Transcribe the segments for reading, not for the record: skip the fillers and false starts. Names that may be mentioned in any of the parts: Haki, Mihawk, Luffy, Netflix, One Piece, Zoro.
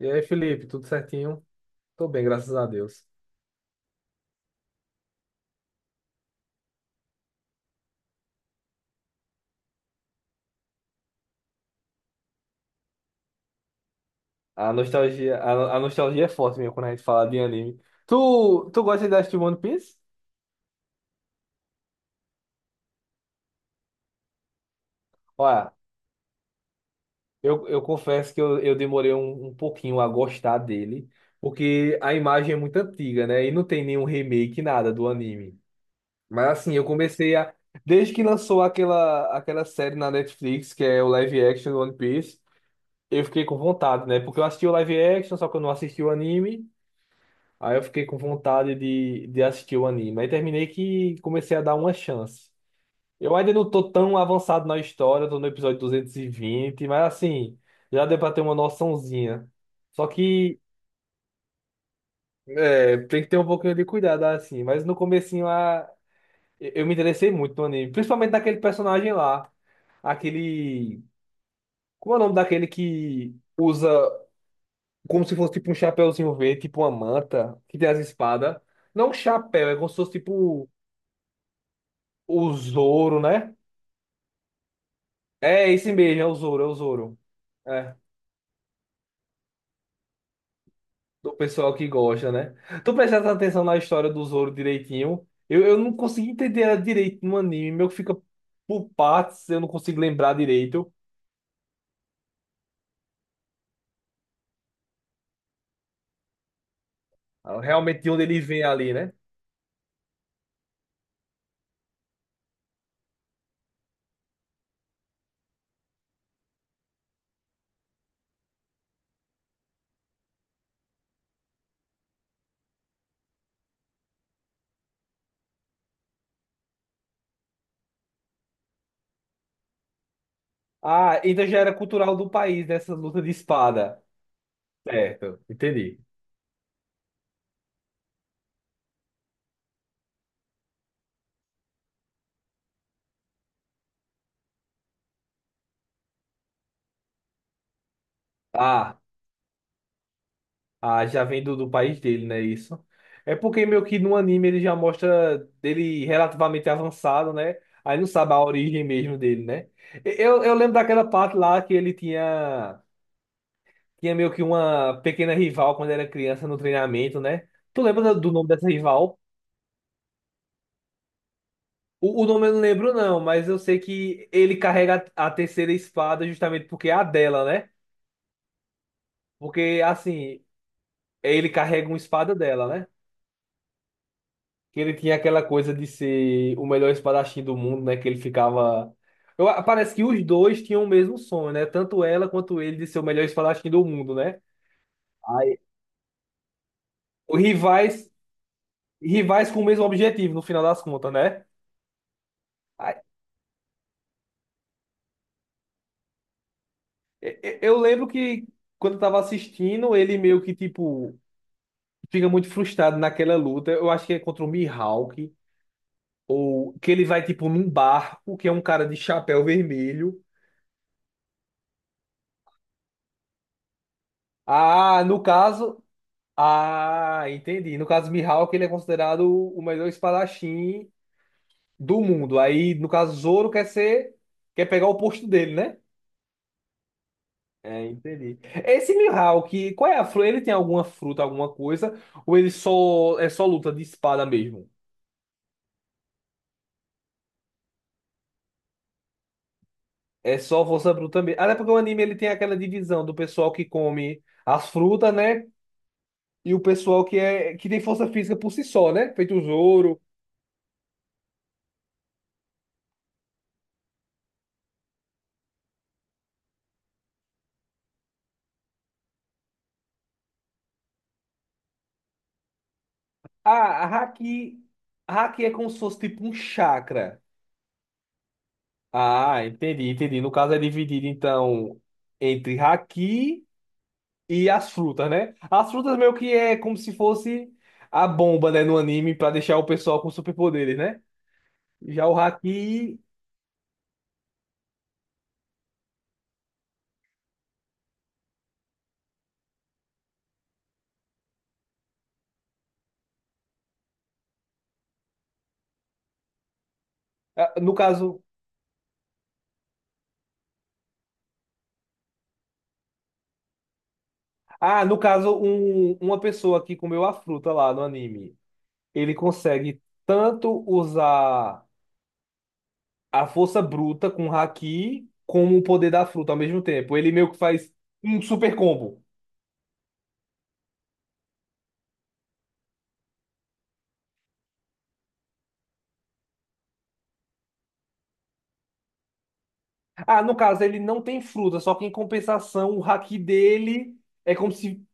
E aí, Felipe, tudo certinho? Tô bem, graças a Deus. A nostalgia, a nostalgia é forte mesmo quando a gente fala de anime. Tu gosta de assistir One Piece? Olha, eu confesso que eu demorei um pouquinho a gostar dele, porque a imagem é muito antiga, né? E não tem nenhum remake, nada do anime. Mas assim, eu comecei a. Desde que lançou aquela série na Netflix, que é o live action do One Piece, eu fiquei com vontade, né? Porque eu assisti o live action, só que eu não assisti o anime. Aí eu fiquei com vontade de assistir o anime. Aí terminei que comecei a dar uma chance. Eu ainda não tô tão avançado na história, tô no episódio 220, mas assim, já deu pra ter uma noçãozinha. Só que é, tem que ter um pouquinho de cuidado, assim. Mas no comecinho a, eu me interessei muito no anime, principalmente naquele personagem lá. Aquele. Como é o nome daquele que usa como se fosse tipo um chapéuzinho verde, tipo uma manta, que tem as espadas? Não um chapéu, é como se fosse tipo o Zoro, né? É esse mesmo, é o Zoro, é o Zoro. É, do pessoal que gosta, né? Tu prestas atenção na história do Zoro direitinho. Eu não consegui entender ela direito no anime, meu que fica por partes, eu não consigo lembrar direito. Ah, realmente de onde ele vem ali, né? Ah, então já era cultural do país, né? Essa luta de espada. Certo, entendi. Ah. Ah, já vem do país dele, né? Isso. É porque meio que no anime ele já mostra dele relativamente avançado, né? Aí não sabe a origem mesmo dele, né? Eu lembro daquela parte lá que ele tinha, tinha meio que uma pequena rival quando era criança no treinamento, né? Tu lembra do nome dessa rival? O nome eu não lembro, não, mas eu sei que ele carrega a terceira espada justamente porque é a dela, né? Porque, assim, ele carrega uma espada dela, né? Que ele tinha aquela coisa de ser o melhor espadachim do mundo, né? Que ele ficava. Eu, parece que os dois tinham o mesmo sonho, né? Tanto ela quanto ele de ser o melhor espadachim do mundo, né? Aí, os rivais, rivais com o mesmo objetivo, no final das contas, né? Aí, Eu lembro que quando eu tava assistindo, ele meio que, tipo, fica muito frustrado naquela luta. Eu acho que é contra o Mihawk, ou que ele vai, tipo, num barco, que é um cara de chapéu vermelho. Ah, no caso. Ah, entendi. No caso, Mihawk, ele é considerado o melhor espadachim do mundo. Aí, no caso, Zoro quer ser, quer pegar o posto dele, né? É, entendi. Esse Mihawk, qual é a fruta? Ele tem alguma fruta, alguma coisa? Ou ele só é só luta de espada mesmo? É só força bruta mesmo. Até porque o anime ele tem aquela divisão do pessoal que come as frutas, né? E o pessoal que é que tem força física por si só, né? Feito o Zoro. Ah, a Haki, a Haki é como se fosse tipo um chakra. Ah, entendi, entendi. No caso é dividido, então, entre haki e as frutas, né? As frutas meio que é como se fosse a bomba, né, no anime, pra deixar o pessoal com superpoderes, né? Já o haki, ah, no caso... Ah, no caso, um, uma pessoa que comeu a fruta lá no anime, ele consegue tanto usar a força bruta com o haki, como o poder da fruta ao mesmo tempo. Ele meio que faz um super combo. Ah, no caso, ele não tem fruta, só que em compensação, o haki dele é como se.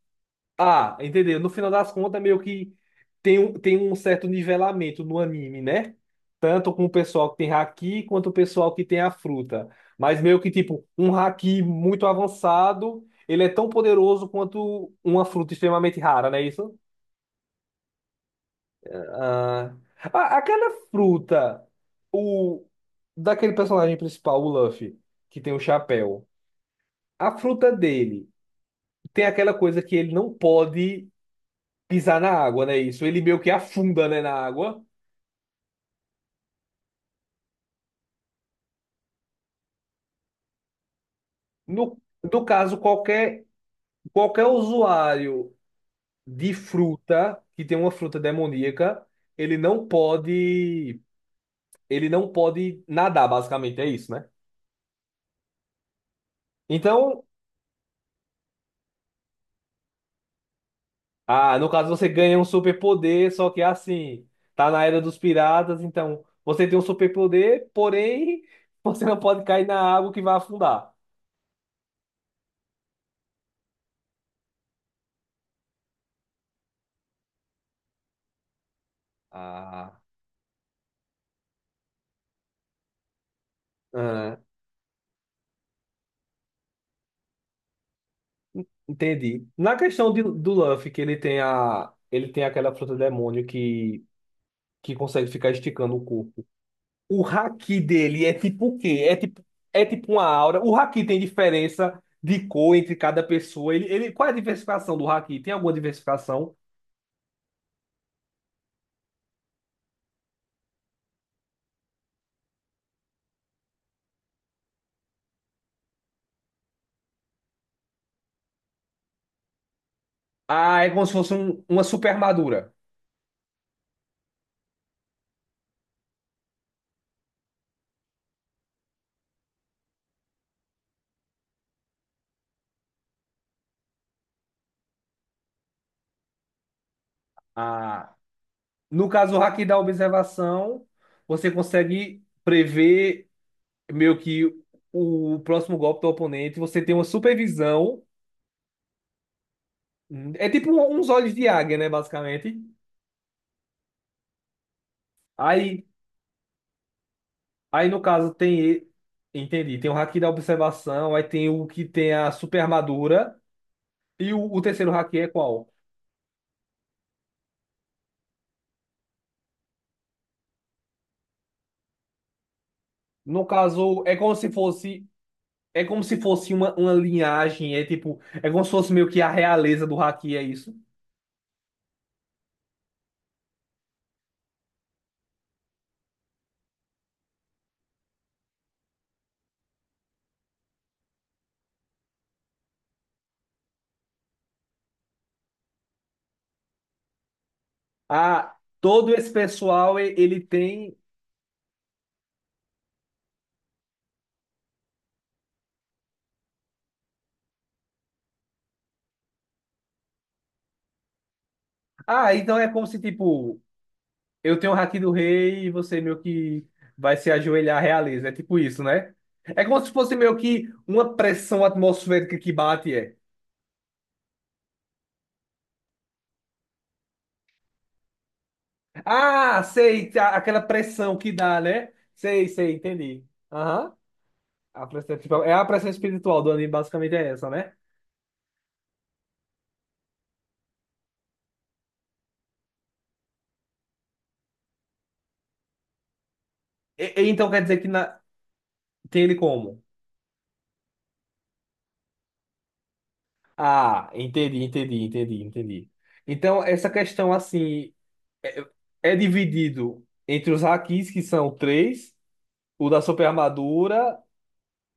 Ah, entendeu? No final das contas, meio que tem um certo nivelamento no anime, né? Tanto com o pessoal que tem haki, quanto o pessoal que tem a fruta. Mas meio que, tipo, um haki muito avançado, ele é tão poderoso quanto uma fruta extremamente rara, não é isso? Ah, a- aquela fruta, o daquele personagem principal, o Luffy, que tem o chapéu. A fruta dele. Tem aquela coisa que ele não pode pisar na água, né? Isso, ele meio que afunda, né, na água. No, no caso, qualquer, qualquer usuário de fruta que tem uma fruta demoníaca, ele não pode, ele não pode nadar, basicamente, é isso, né? Então, ah, no caso você ganha um superpoder, só que é assim, tá na era dos piratas, então você tem um superpoder, porém você não pode cair na água que vai afundar. Ah, ah, Entendi. Na questão de- do Luffy, que ele tem a, ele tem aquela fruta demônio que consegue ficar esticando o corpo. O haki dele é tipo o quê? É tipo uma aura. O haki tem diferença de cor entre cada pessoa. Ele, qual é a diversificação do haki? Tem alguma diversificação? Ah, é como se fosse um- uma super armadura. Ah, no caso, o haki da observação, você consegue prever meio que o próximo golpe do oponente. Você tem uma supervisão. É tipo um- uns olhos de águia, né, basicamente. Aí, aí no caso tem, e- entendi, tem o haki da observação, aí tem o que tem a super armadura e o terceiro haki é qual? No caso, é como se fosse, é como se fosse uma linhagem, é tipo, é como se fosse meio que a realeza do haki, é isso? Ah, todo esse pessoal e- ele tem. Ah, então é como se tipo eu tenho o haki do rei e você meio que vai se ajoelhar à realeza. É tipo isso, né? É como se fosse meio que uma pressão atmosférica que bate, é. Ah, sei, a- aquela pressão que dá, né? Sei, sei, entendi. Aham. A pressão, tipo, é a pressão espiritual do anime, basicamente é essa, né? E então quer dizer que na- tem ele como? Ah, entendi, entendi, entendi, entendi. Então, essa questão, assim, é, é dividido entre os hakis, que são três, o da super armadura,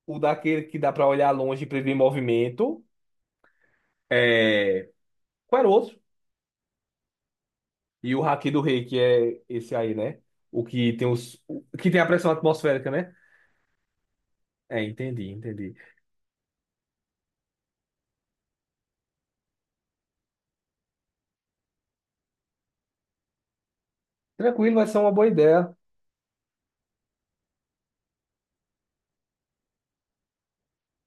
o daquele que dá pra olhar longe e prever movimento. É... Qual era o outro? E o Haki do Rei, que é esse aí, né? O que tem os... o que tem a pressão atmosférica, né? É, entendi, entendi. Tranquilo, vai ser uma boa ideia.